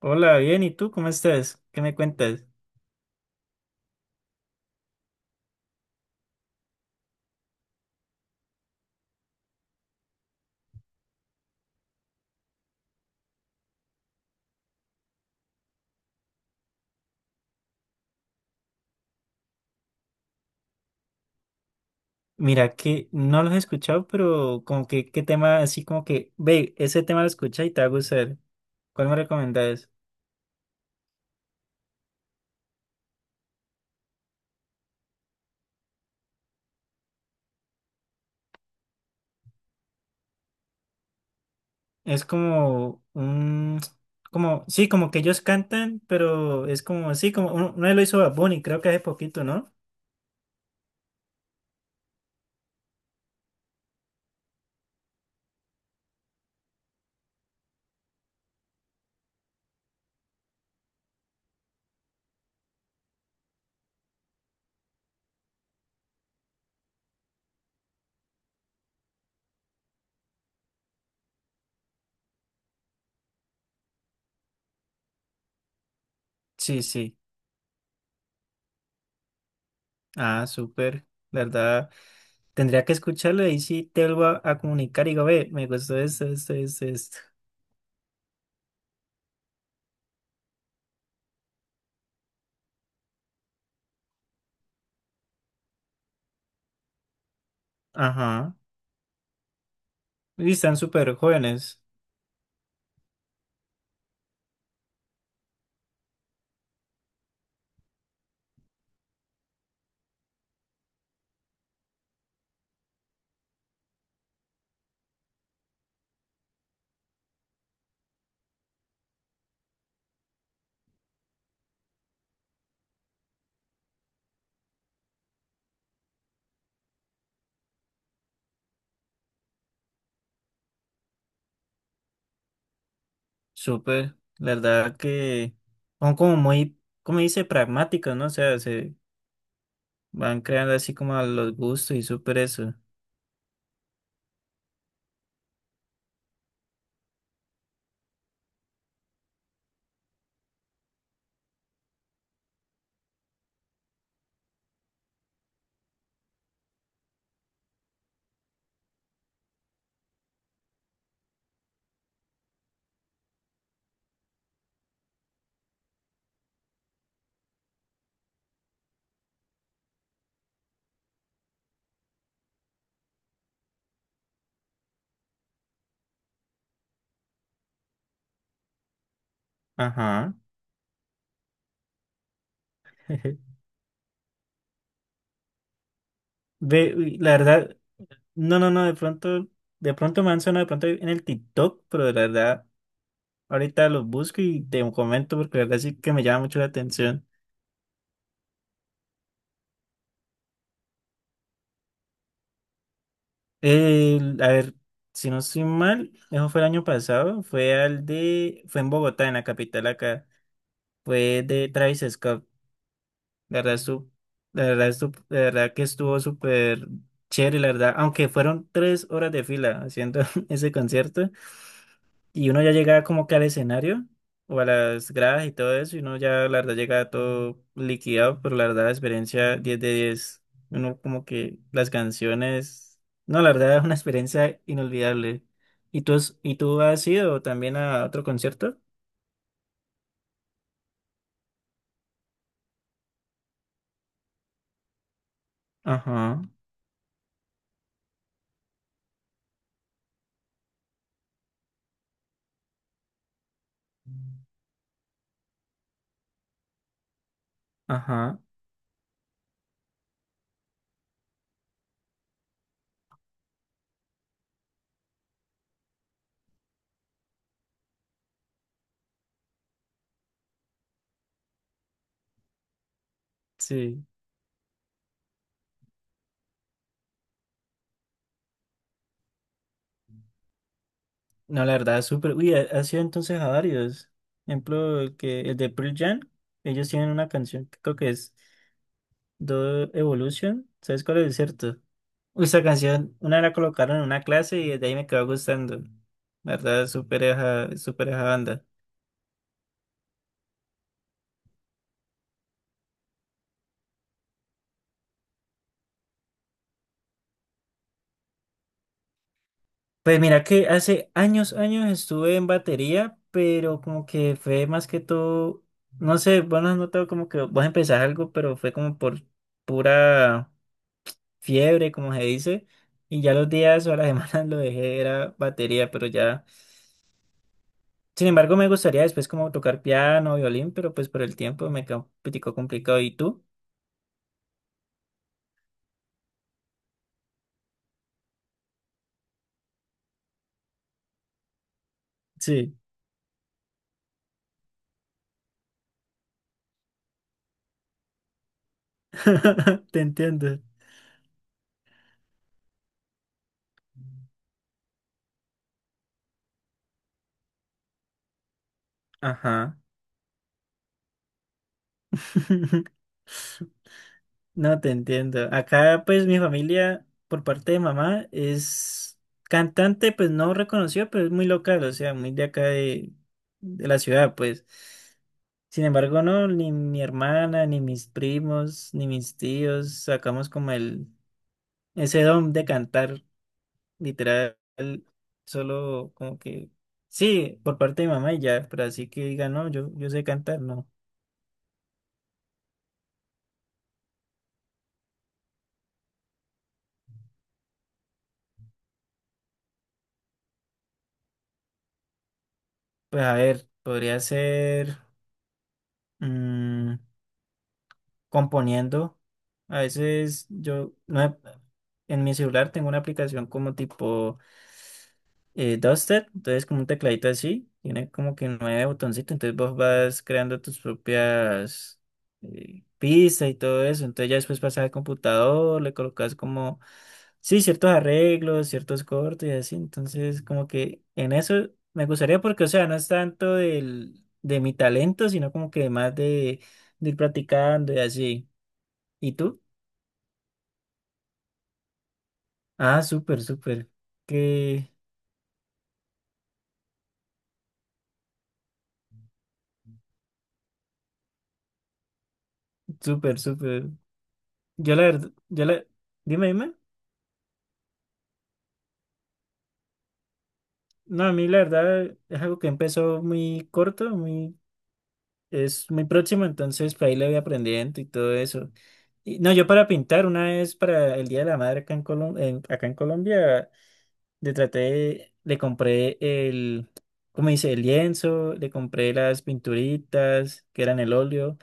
Hola, bien, ¿y tú cómo estás? ¿Qué me cuentas? Mira que no los he escuchado, pero como que qué tema así como que, ve, ese tema lo escucha y te va a gustar. ¿Cuál me recomendás? Es como un, como, sí, como que ellos cantan, pero es como, sí, como uno lo hizo Bad Bunny, creo que hace poquito, ¿no? Sí, sí. Ah, súper. La verdad, tendría que escucharlo y ahí sí te vuelvo a comunicar y digo, ve, me gustó esto, esto, esto, esto. Ajá. Y están súper jóvenes. Súper, la verdad que son como muy, como dice, pragmáticos, ¿no? O sea, se van creando así como a los gustos y súper eso. Ajá. Ve, uy, la verdad, no, no, no, de pronto me han sonado de pronto en el TikTok, pero de la verdad, ahorita los busco y te comento porque la verdad sí que me llama mucho la atención. A ver, si no estoy mal, eso fue el año pasado, fue al de, fue en Bogotá, en la capital acá, fue de Travis Scott. La verdad, la verdad, la verdad que estuvo súper chévere, la verdad. Aunque fueron 3 horas de fila haciendo ese concierto y uno ya llegaba como que al escenario o a las gradas y todo eso y uno ya, la verdad, llegaba todo liquidado, pero la verdad, la experiencia 10/10. Uno como que las canciones... No, la verdad es una experiencia inolvidable. ¿Y tú, y tú has ido también a otro concierto? Ajá, ajá, sí. No, la verdad, súper. Uy, ha sido entonces a varios. Ejemplo, el de Pearl Jam, ellos tienen una canción que creo que es Do Evolution. ¿Sabes cuál es, cierto? Uy, esa canción, una la colocaron en una clase y desde ahí me quedó gustando. La verdad, súper esa banda. Pues mira que hace años, años estuve en batería, pero como que fue más que todo, no sé, vos no has notado como que vos empezás algo, pero fue como por pura fiebre, como se dice, y ya los días o las semanas lo dejé, era batería, pero ya. Sin embargo, me gustaría después como tocar piano, violín, pero pues por el tiempo me quedó un poquitico complicado. ¿Y tú? Sí, te entiendo. Ajá. No te entiendo. Acá, pues, mi familia, por parte de mamá, es cantante, pues no reconocido pero es muy local, o sea, muy de acá de la ciudad, pues. Sin embargo, no, ni mi hermana, ni mis primos, ni mis tíos sacamos como ese don de cantar, literal, solo como que, sí, por parte de mamá y ya, pero así que diga, no, yo sé cantar, no. Pues a ver, podría ser. mm, Componiendo. A veces yo no en mi celular tengo una aplicación como tipo Duster, entonces como un tecladito así, tiene como que nueve botoncitos, entonces vos vas creando tus propias pistas y todo eso, entonces ya después pasas al computador, le colocas como, sí, ciertos arreglos, ciertos cortes y así, entonces como que en eso me gustaría porque, o sea, no es tanto de mi talento, sino como que más de ir practicando y así. ¿Y tú? Ah, súper, súper. Que súper, súper. Yo la verdad, yo la, dime, dime. No, a mí la verdad es algo que empezó muy corto, muy, es muy próximo, entonces pues, ahí le voy aprendiendo y todo eso. Y, no, yo para pintar una vez para el Día de la Madre acá en Colombia, le traté, le compré el, ¿cómo dice? El lienzo, le compré las pinturitas que eran el óleo.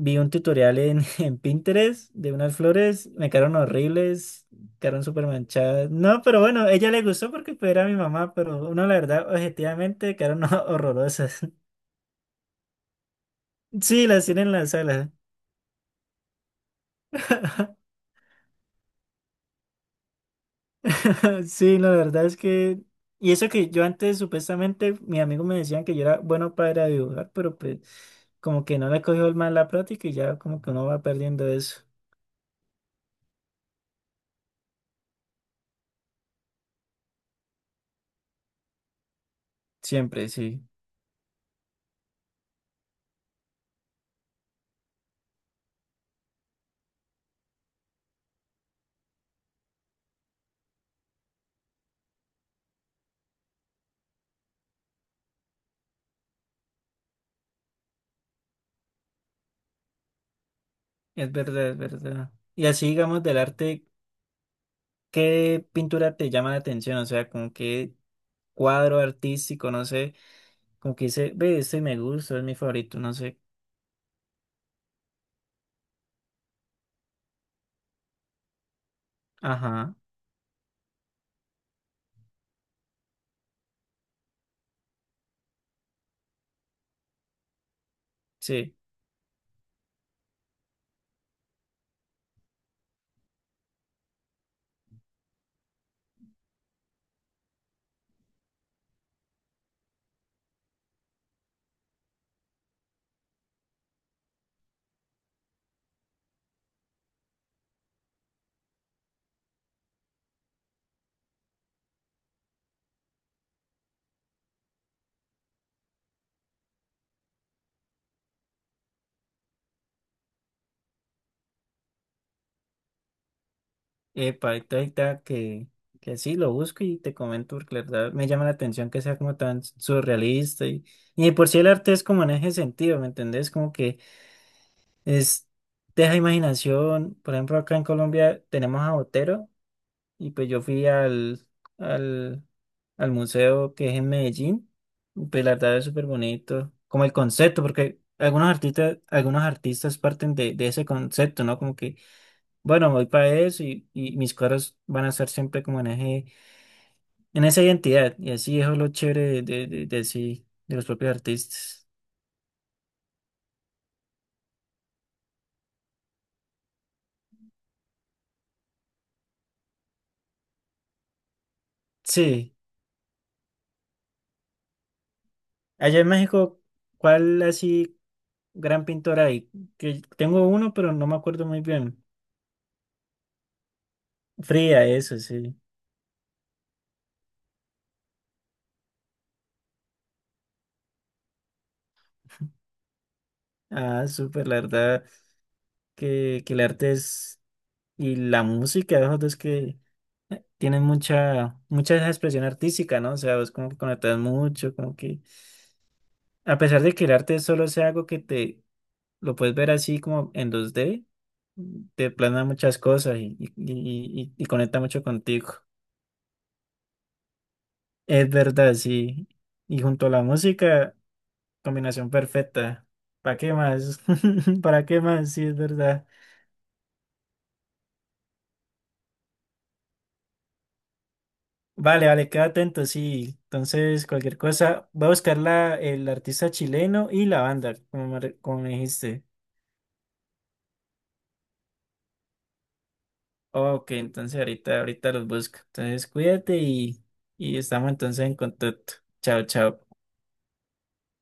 Vi un tutorial en, en Pinterest de unas flores, me quedaron horribles, quedaron súper manchadas. No, pero bueno, ella le gustó porque pues, era mi mamá, pero uno la verdad, objetivamente, quedaron horrorosas. Sí, las tienen en la sala. Sí, la verdad es que... Y eso que yo antes supuestamente, mis amigos me decían que yo era bueno para dibujar, pero pues como que no le cogió el mal la práctica y ya como que uno va perdiendo eso. Siempre, sí. Es verdad, es verdad. Y así, digamos, del arte. ¿Qué pintura te llama la atención? O sea, como qué cuadro artístico, no sé, como que dice, ve, este me gusta, es mi favorito, no sé. Ajá, sí. Epa, ahorita que sí, lo busco y te comento, porque la verdad me llama la atención que sea como tan surrealista. Y de por sí el arte es como en ese sentido, ¿me entendés? Como que es, deja imaginación. Por ejemplo, acá en Colombia tenemos a Botero. Y pues yo fui al, al museo que es en Medellín. Y pues la verdad es súper bonito. Como el concepto, porque algunos artistas parten de ese concepto, ¿no? Como que, bueno, voy para eso y mis cuadros van a ser siempre como en eje, en esa identidad. Y así eso es lo chévere de sí, de los propios artistas. Sí. Allá en México, ¿cuál así gran pintor hay? Que tengo uno, pero no me acuerdo muy bien. Fría, eso, sí. Ah, súper, la verdad que el arte es y la música, los dos que tienen mucha esa expresión artística, ¿no? O sea, vos como que conectas mucho, como que a pesar de que el arte solo sea algo que te lo puedes ver así como en 2D te plana muchas cosas y conecta mucho contigo. Es verdad, sí. Y junto a la música, combinación perfecta. ¿Para qué más? ¿Para qué más? Sí, es verdad. Vale, vale, queda atento, sí. Entonces, cualquier cosa, voy a buscar la, el artista chileno y la banda, como me, como me dijiste. Ok, entonces ahorita los busco. Entonces, cuídate y estamos entonces en contacto. Chao, chao.